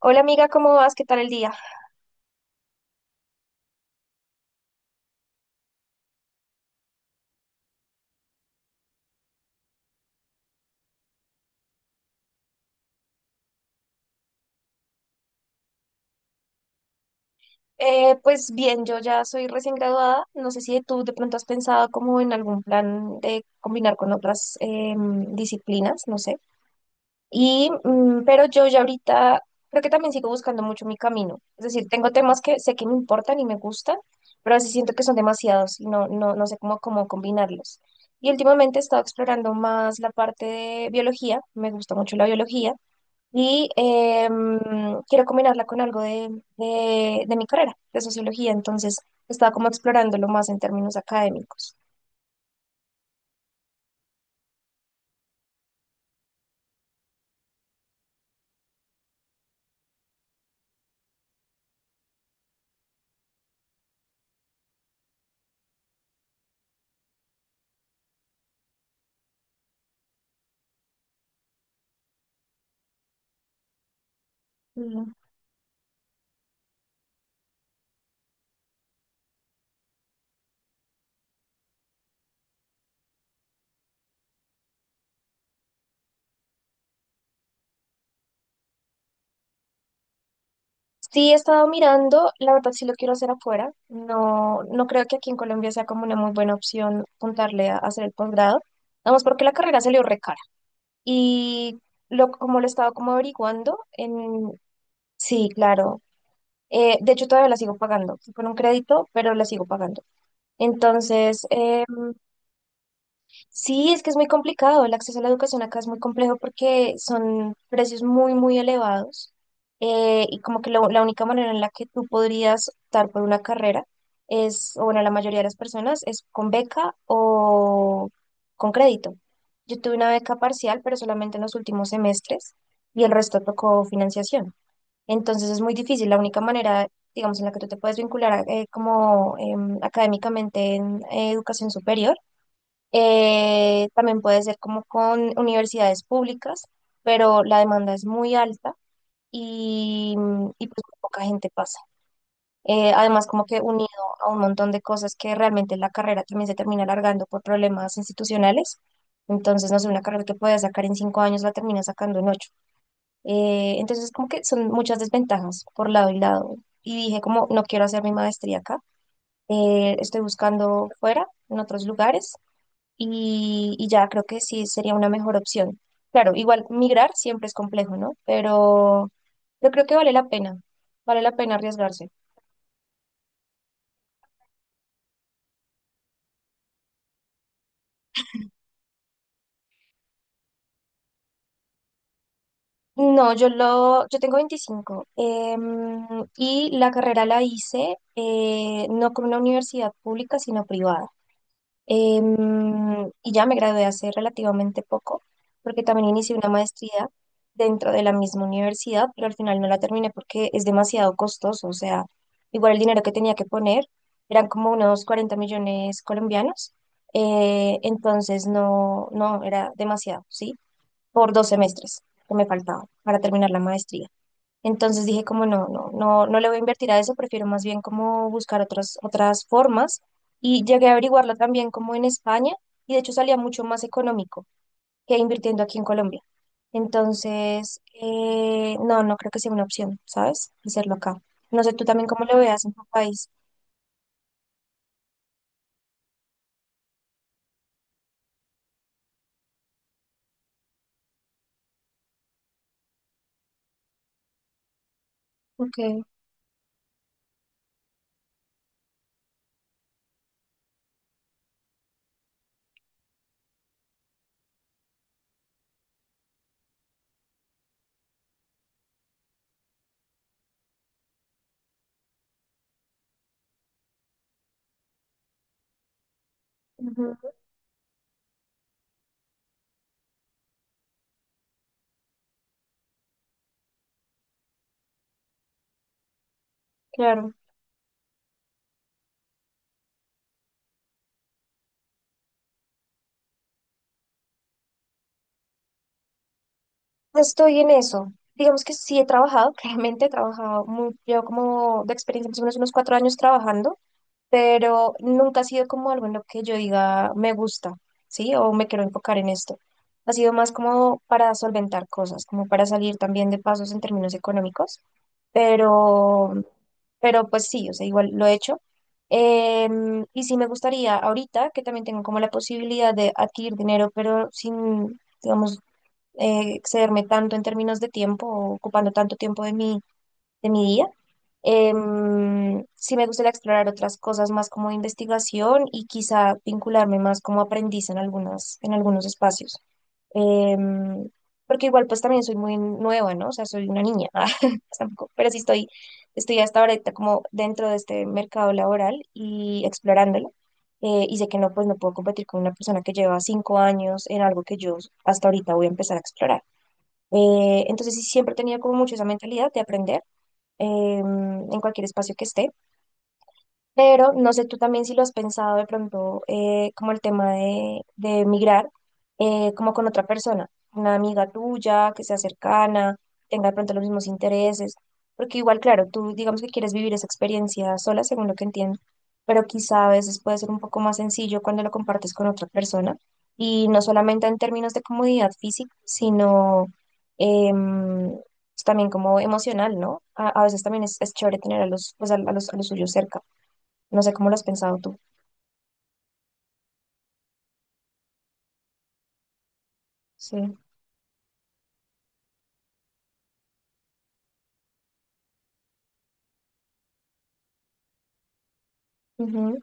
Hola amiga, ¿cómo vas? ¿Qué tal el día? Pues bien, yo ya soy recién graduada. No sé si tú de pronto has pensado como en algún plan de combinar con otras disciplinas, no sé. Pero yo ya ahorita creo que también sigo buscando mucho mi camino. Es decir, tengo temas que sé que me importan y me gustan, pero a veces siento que son demasiados y no sé cómo combinarlos. Y últimamente he estado explorando más la parte de biología. Me gusta mucho la biología y quiero combinarla con algo de mi carrera, de sociología, entonces estaba como explorándolo más en términos académicos. Mm. Sí, he estado mirando, la verdad sí lo quiero hacer afuera, no, no creo que aquí en Colombia sea como una muy buena opción apuntarle a hacer el posgrado, vamos porque la carrera salió re cara y lo he estado como averiguando, sí, claro, de hecho todavía la sigo pagando, fue con un crédito, pero la sigo pagando. Entonces, sí, es que es muy complicado. El acceso a la educación acá es muy complejo porque son precios muy elevados. Y como que la única manera en la que tú podrías optar por una carrera es, o bueno, la mayoría de las personas es con beca o con crédito. Yo tuve una beca parcial, pero solamente en los últimos semestres y el resto tocó financiación. Entonces es muy difícil. La única manera, digamos, en la que tú te puedes vincular como académicamente en educación superior, también puede ser como con universidades públicas, pero la demanda es muy alta y, y pues muy poca gente pasa. Además, como que unido a un montón de cosas que realmente la carrera también se termina alargando por problemas institucionales. Entonces, no sé, una carrera que puedes sacar en 5 años la termina sacando en ocho. Entonces, como que son muchas desventajas por lado y lado. Y dije, como no quiero hacer mi maestría acá. Estoy buscando fuera, en otros lugares y ya creo que sí sería una mejor opción. Claro, igual migrar siempre es complejo, ¿no? Pero yo creo que vale la pena arriesgarse. No, yo tengo 25, y la carrera la hice no con una universidad pública, sino privada. Y ya me gradué hace relativamente poco, porque también inicié una maestría dentro de la misma universidad, pero al final no la terminé porque es demasiado costoso. O sea, igual el dinero que tenía que poner eran como unos 40 millones colombianos. Entonces no, no, era demasiado, ¿sí? Por 2 semestres que me faltaban para terminar la maestría. Entonces dije como no le voy a invertir a eso, prefiero más bien como buscar otras, otras formas. Y llegué a averiguarla también como en España y de hecho salía mucho más económico que invirtiendo aquí en Colombia. Entonces, no, no creo que sea una opción, ¿sabes? Hacerlo acá. No sé tú también cómo lo veas en tu país. Ok, ujú, claro. Estoy en eso. Digamos que sí he trabajado, claramente he trabajado, muy, llevo como de experiencia más o menos unos 4 años trabajando, pero nunca ha sido como algo en lo que yo diga me gusta, ¿sí? O me quiero enfocar en esto. Ha sido más como para solventar cosas, como para salir también de pasos en términos económicos, pero, pero pues sí, o sea, igual lo he hecho. Y sí me gustaría ahorita que también tengo como la posibilidad de adquirir dinero, pero sin, digamos, excederme tanto en términos de tiempo, o ocupando tanto tiempo de mi día. Sí me gustaría explorar otras cosas más como de investigación y quizá vincularme más como aprendiz en algunas, en algunos espacios. Em, porque igual pues también soy muy nueva, ¿no? O sea, soy una niña, tampoco, pero sí estoy, estoy hasta ahorita como dentro de este mercado laboral y explorándolo. Y sé que no, pues no puedo competir con una persona que lleva 5 años en algo que yo hasta ahorita voy a empezar a explorar. Entonces sí, siempre he tenido como mucho esa mentalidad de aprender en cualquier espacio que esté. Pero no sé tú también si lo has pensado de pronto, como el tema de migrar, como con otra persona, una amiga tuya que sea cercana, tenga de pronto los mismos intereses, porque igual, claro, tú digamos que quieres vivir esa experiencia sola, según lo que entiendo, pero quizá a veces puede ser un poco más sencillo cuando lo compartes con otra persona, y no solamente en términos de comodidad física, sino em, también como emocional, ¿no? A veces también es chévere tener a los, pues a los suyos cerca. No sé cómo lo has pensado tú. Sí. Ujú.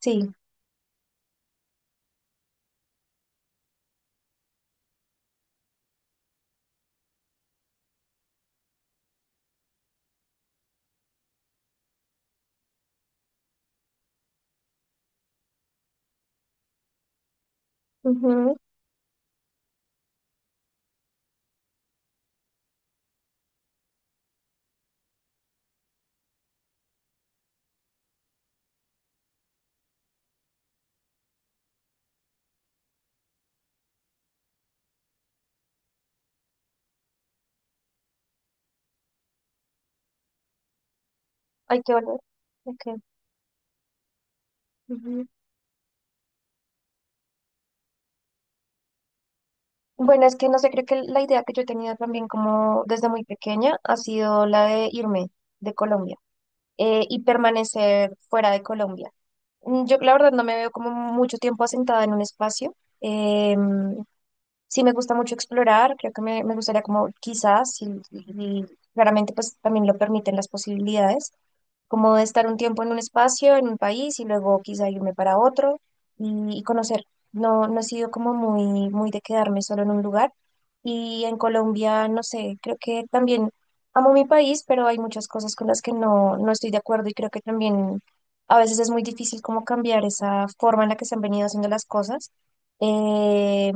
Sí. Ujú. Hay que volver. Okay. Ujú. Bueno, es que no sé, creo que la idea que yo he tenido también como desde muy pequeña ha sido la de irme de Colombia, y permanecer fuera de Colombia. Mm, yo la verdad no me veo como mucho tiempo asentada en un espacio. Em, sí me gusta mucho explorar, creo que me gustaría como quizás, y, y claramente pues también lo permiten las posibilidades como de estar un tiempo en un espacio, en un país y luego quizá irme para otro y conocer. No, no he sido como muy, muy de quedarme solo en un lugar. Y en Colombia, no sé, creo que también amo mi país, pero hay muchas cosas con las que no, no estoy de acuerdo y creo que también a veces es muy difícil como cambiar esa forma en la que se han venido haciendo las cosas. Eh,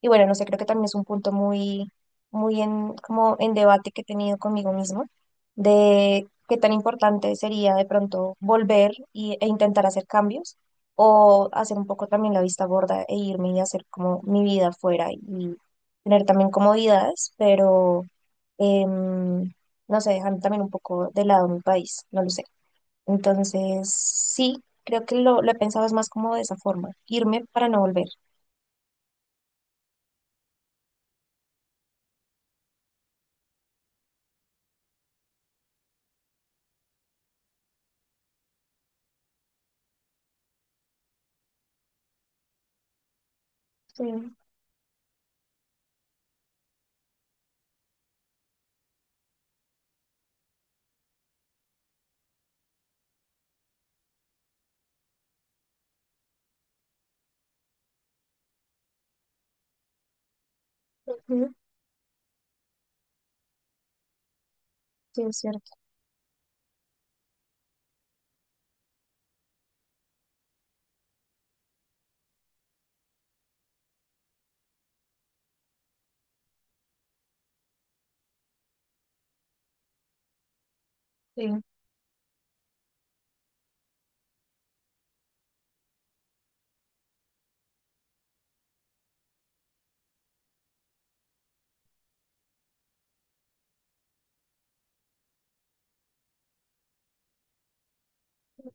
y bueno, no sé, creo que también es un punto muy, como en debate que he tenido conmigo mismo de qué tan importante sería de pronto volver e intentar hacer cambios o hacer un poco también la vista gorda e irme y hacer como mi vida afuera y tener también comodidades, pero em, no sé, dejando también un poco de lado mi país, no lo sé. Entonces, sí, creo que lo he pensado es más como de esa forma, irme para no volver. Sí, ujú, sí, es cierto. Sí,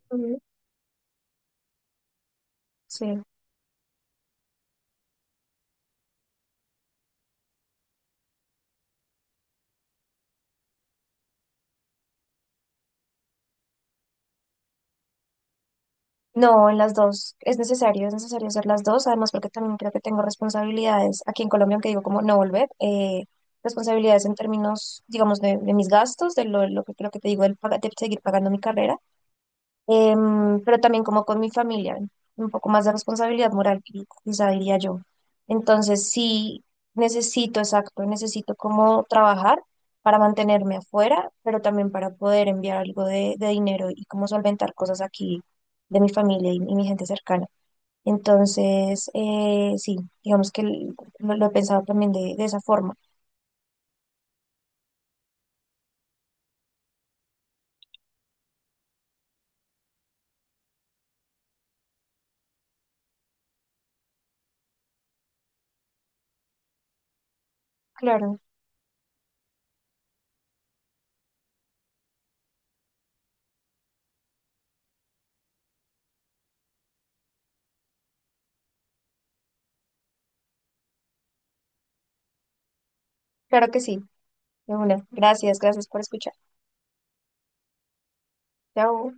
ujú, sí. No, en las dos. Es necesario hacer las dos. Además, porque también creo que tengo responsabilidades aquí en Colombia, aunque digo como no volver. Responsabilidades en términos, digamos, de mis gastos, lo que creo que te digo, de seguir pagando mi carrera, pero también como con mi familia, un poco más de responsabilidad moral, quizá diría yo. Entonces, sí, necesito, exacto, necesito como trabajar para mantenerme afuera, pero también para poder enviar algo de dinero y como solventar cosas aquí de mi familia y mi gente cercana. Entonces, sí, digamos que lo he pensado también de esa forma. Claro, claro que sí, de una. Gracias, gracias por escuchar. Chao.